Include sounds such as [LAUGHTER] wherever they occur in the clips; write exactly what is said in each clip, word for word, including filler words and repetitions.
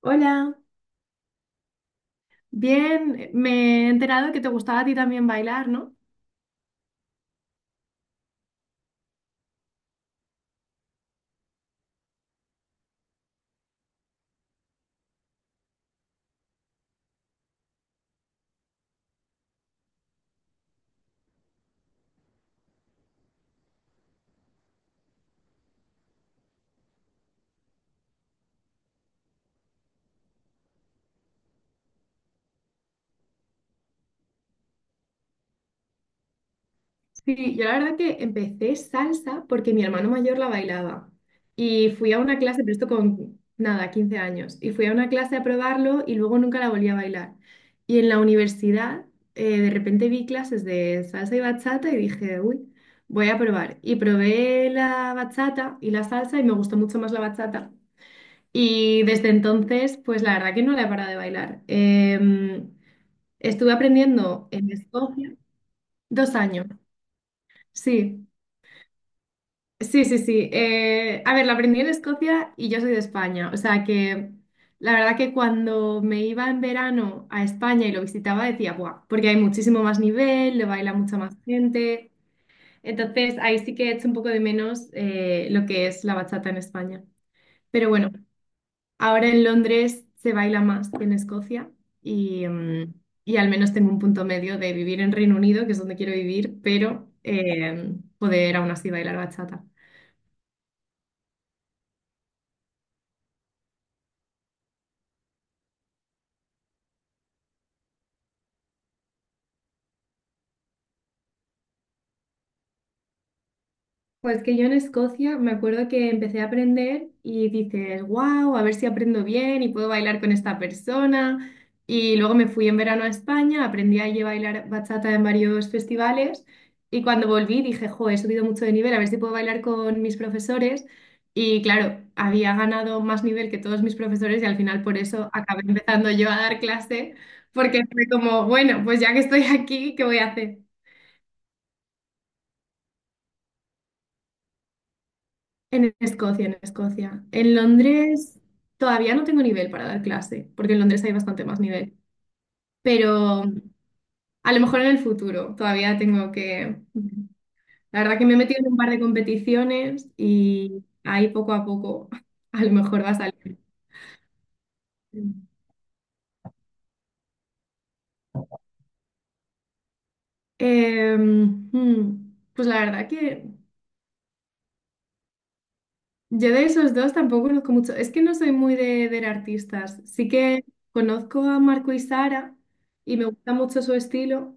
Hola, bien, me he enterado que te gustaba a ti también bailar, ¿no? Sí, yo la verdad que empecé salsa porque mi hermano mayor la bailaba y fui a una clase, pero esto con nada, quince años, y fui a una clase a probarlo y luego nunca la volví a bailar. Y en la universidad eh, de repente vi clases de salsa y bachata y dije, uy, voy a probar. Y probé la bachata y la salsa y me gustó mucho más la bachata. Y desde entonces, pues la verdad que no la he parado de bailar. Em, Estuve aprendiendo en Escocia dos años. Sí, sí, sí, sí. Eh, a ver, la aprendí en Escocia y yo soy de España. O sea que la verdad que cuando me iba en verano a España y lo visitaba decía, ¡buah! Porque hay muchísimo más nivel, lo baila mucha más gente. Entonces ahí sí que echo un poco de menos eh, lo que es la bachata en España. Pero bueno. Ahora en Londres se baila más que en Escocia y, mm, y al menos tengo un punto medio de vivir en Reino Unido, que es donde quiero vivir, pero eh, poder aún así bailar bachata. Pues que yo en Escocia me acuerdo que empecé a aprender y dices, wow, a ver si aprendo bien y puedo bailar con esta persona. Y luego me fui en verano a España, aprendí allí a bailar bachata en varios festivales y cuando volví dije, jo, he subido mucho de nivel, a ver si puedo bailar con mis profesores. Y claro, había ganado más nivel que todos mis profesores y al final por eso acabé empezando yo a dar clase porque fue como, bueno, pues ya que estoy aquí, ¿qué voy a hacer? En Escocia, en Escocia. En Londres todavía no tengo nivel para dar clase, porque en Londres hay bastante más nivel. Pero a lo mejor en el futuro todavía tengo que... La verdad que me he metido en un par de competiciones y ahí poco a poco [LAUGHS] a lo mejor va a salir. Em, hmm, pues la verdad que yo de esos dos tampoco conozco mucho. Es que no soy muy de ver artistas. Sí que conozco a Marco y Sara y me gusta mucho su estilo,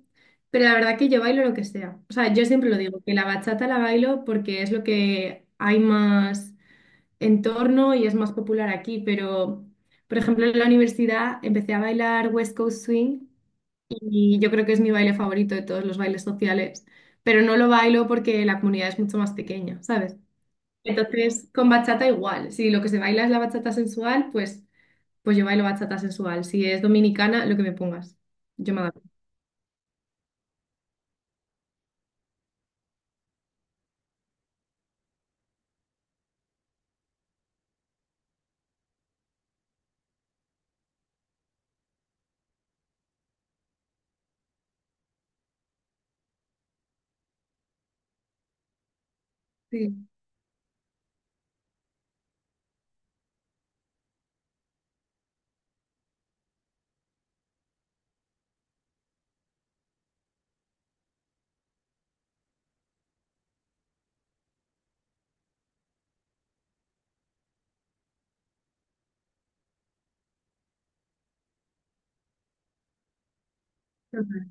pero la verdad que yo bailo lo que sea. O sea, yo siempre lo digo, que la bachata la bailo porque es lo que hay más en torno y es más popular aquí, pero por ejemplo en la universidad empecé a bailar West Coast Swing y yo creo que es mi baile favorito de todos los bailes sociales, pero no lo bailo porque la comunidad es mucho más pequeña, ¿sabes? Entonces, con bachata igual. Si lo que se baila es la bachata sensual, pues, pues yo bailo bachata sensual. Si es dominicana, lo que me pongas. Yo me adapto. Sí, total.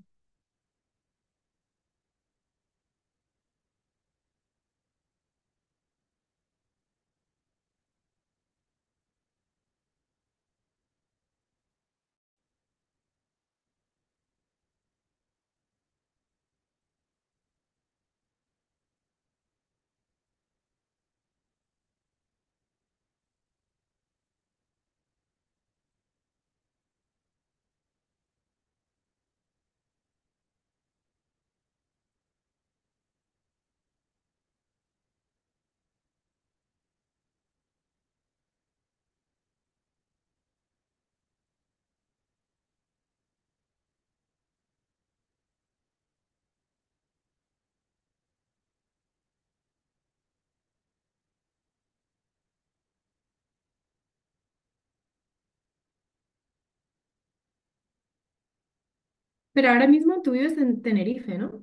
Pero ahora mismo tú vives en Tenerife, ¿no?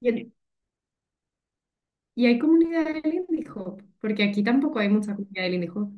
Y, en- y hay comunidad del indie Hop, porque aquí tampoco hay mucha comunidad del indie Hop.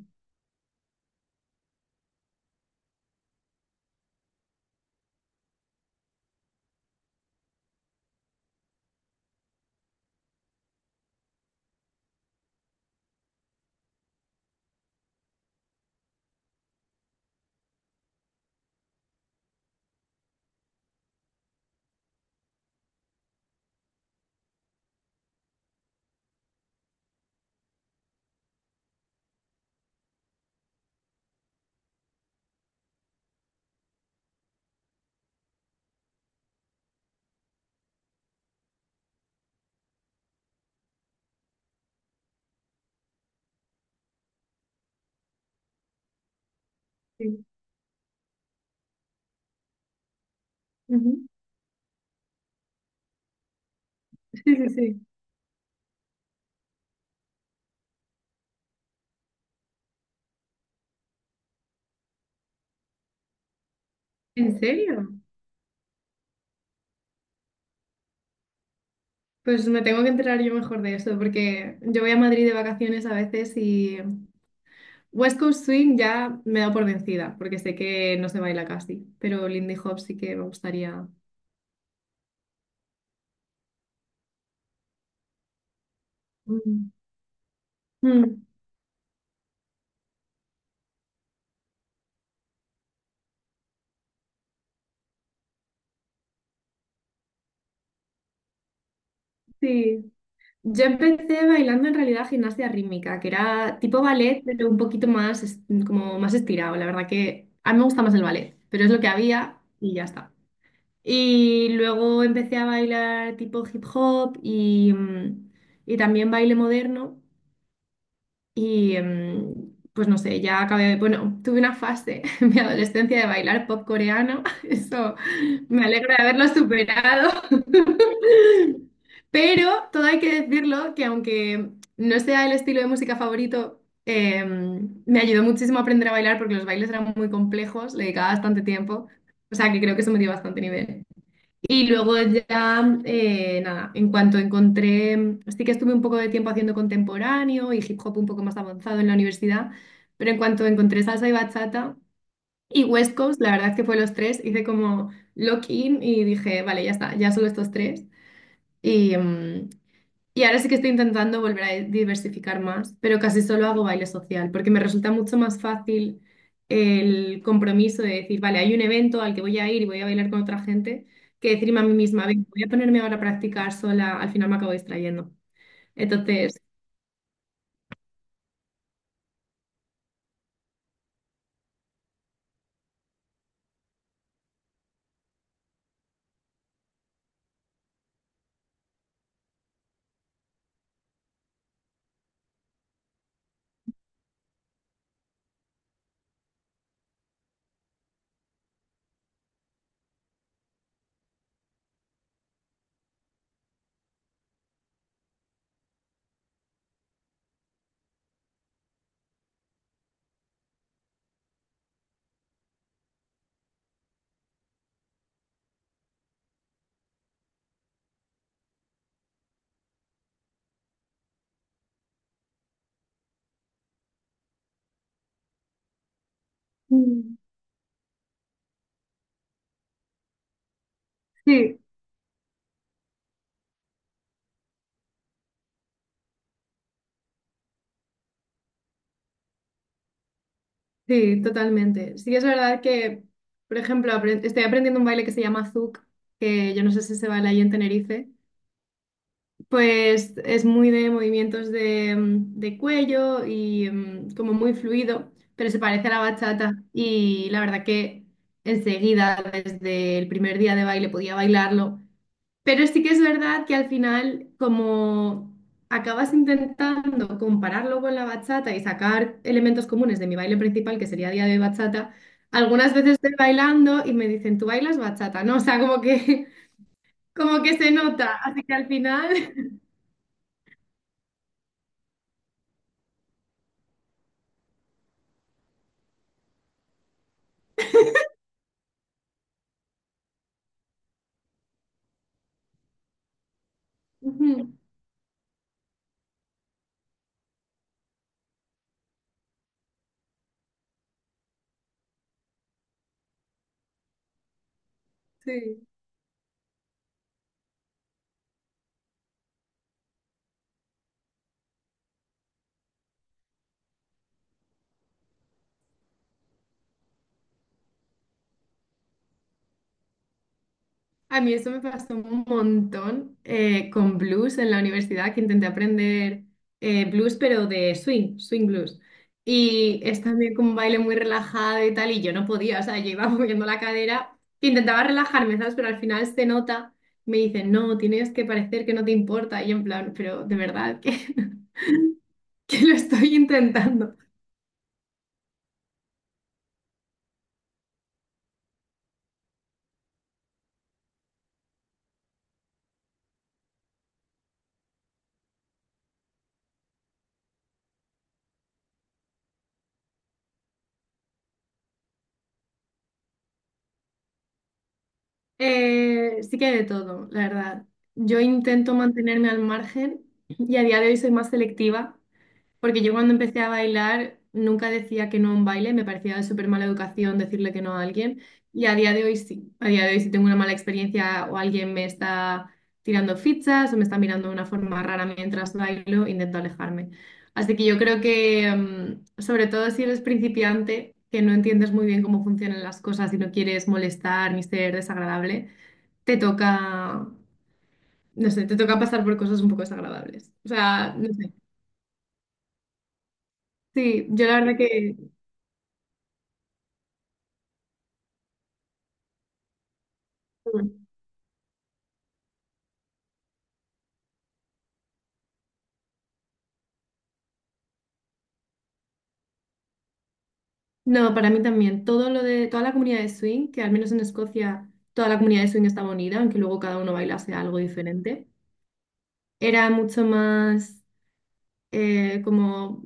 Sí. Ujú. Sí, sí, sí. ¿En serio? Pues me tengo que enterar yo mejor de eso, porque yo voy a Madrid de vacaciones a veces y West Coast Swing ya me da por vencida, porque sé que no se baila casi, pero Lindy Hop sí que me gustaría. Mm. Mm, sí. Yo empecé bailando en realidad gimnasia rítmica, que era tipo ballet, pero un poquito más, es- como más estirado. La verdad que a mí me gusta más el ballet, pero es lo que había y ya está. Y luego empecé a bailar tipo hip hop y, mm, y también baile moderno. Y em, pues no sé, ya acabé, bueno, tuve una fase [LAUGHS] en mi adolescencia de bailar pop coreano, [LAUGHS] eso me alegra de haberlo superado. [LAUGHS] Pero todo hay que decirlo que aunque no sea el estilo de música favorito, em, me ayudó muchísimo a aprender a bailar porque los bailes eran muy complejos, le dedicaba bastante tiempo, o sea que creo que eso me dio bastante nivel. Y luego ya, eh, nada, en cuanto encontré, sí que estuve un poco de tiempo haciendo contemporáneo y hip hop un poco más avanzado en la universidad, pero en cuanto encontré salsa y bachata y West Coast, la verdad es que fue los tres, hice como lock in y dije, vale, ya está, ya solo estos tres. Y, mm, y ahora sí que estoy intentando volver a diversificar más, pero casi solo hago baile social, porque me resulta mucho más fácil el compromiso de decir, vale, hay un evento al que voy a ir y voy a bailar con otra gente, que decirme a mí misma, "Venga, voy a ponerme ahora a practicar sola, al final me acabo distrayendo." Entonces, mm, sí, sí, totalmente. Sí que es verdad que, por ejemplo, apren- estoy aprendiendo un baile que se llama zouk, que yo no sé si se baila ahí en Tenerife. Pues es muy de movimientos de, mm, de cuello y mm, como muy fluido, pero se parece a la bachata y la verdad que enseguida, desde el primer día de baile, podía bailarlo. Pero sí que es verdad que al final, como acabas intentando compararlo con la bachata y sacar elementos comunes de mi baile principal, que sería día de bachata, algunas veces estoy bailando y me dicen, ¿tú bailas bachata? No, o sea, como que, [LAUGHS] como que se nota, así que al final... [LAUGHS] ujú. Sí. A mí esto me pasó un montón eh, con blues en la universidad, que intenté aprender eh, blues, pero de swing, swing blues. Y es también como un baile muy relajado y tal, y yo no podía, o sea, yo iba [LAUGHS] moviendo la cadera, intentaba relajarme, ¿sabes? Pero al final se nota, me dicen, no, tienes que parecer que no te importa, y yo en plan, pero de verdad que, [LAUGHS] que lo estoy intentando. Eh, sí que hay de todo, la verdad. Yo intento mantenerme al margen y a día de hoy soy más selectiva porque yo cuando empecé a bailar nunca decía que no a un baile, me parecía de súper mala educación decirle que no a alguien. Y a día de hoy sí, a día de hoy si tengo una mala experiencia o alguien me está tirando fichas o me está mirando de una forma rara mientras bailo, intento alejarme. Así que yo creo que, mm, sobre todo si eres principiante, que no entiendes muy bien cómo funcionan las cosas y no quieres molestar ni ser desagradable, te toca, no sé, te toca pasar por cosas un poco desagradables. O sea, no sé. Sí, yo la verdad que... No, para mí también. Todo lo de toda la comunidad de swing, que al menos en Escocia toda la comunidad de swing estaba unida, aunque luego cada uno bailase algo diferente, era mucho más eh, como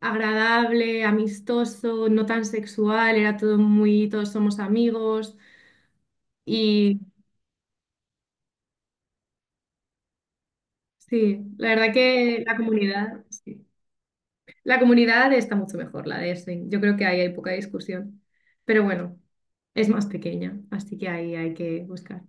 agradable, amistoso, no tan sexual, era todo muy, todos somos amigos y sí, la verdad que la comunidad, sí. La comunidad está mucho mejor, la de swing. Yo creo que ahí hay poca discusión, pero bueno, es más pequeña, así que ahí hay que buscar.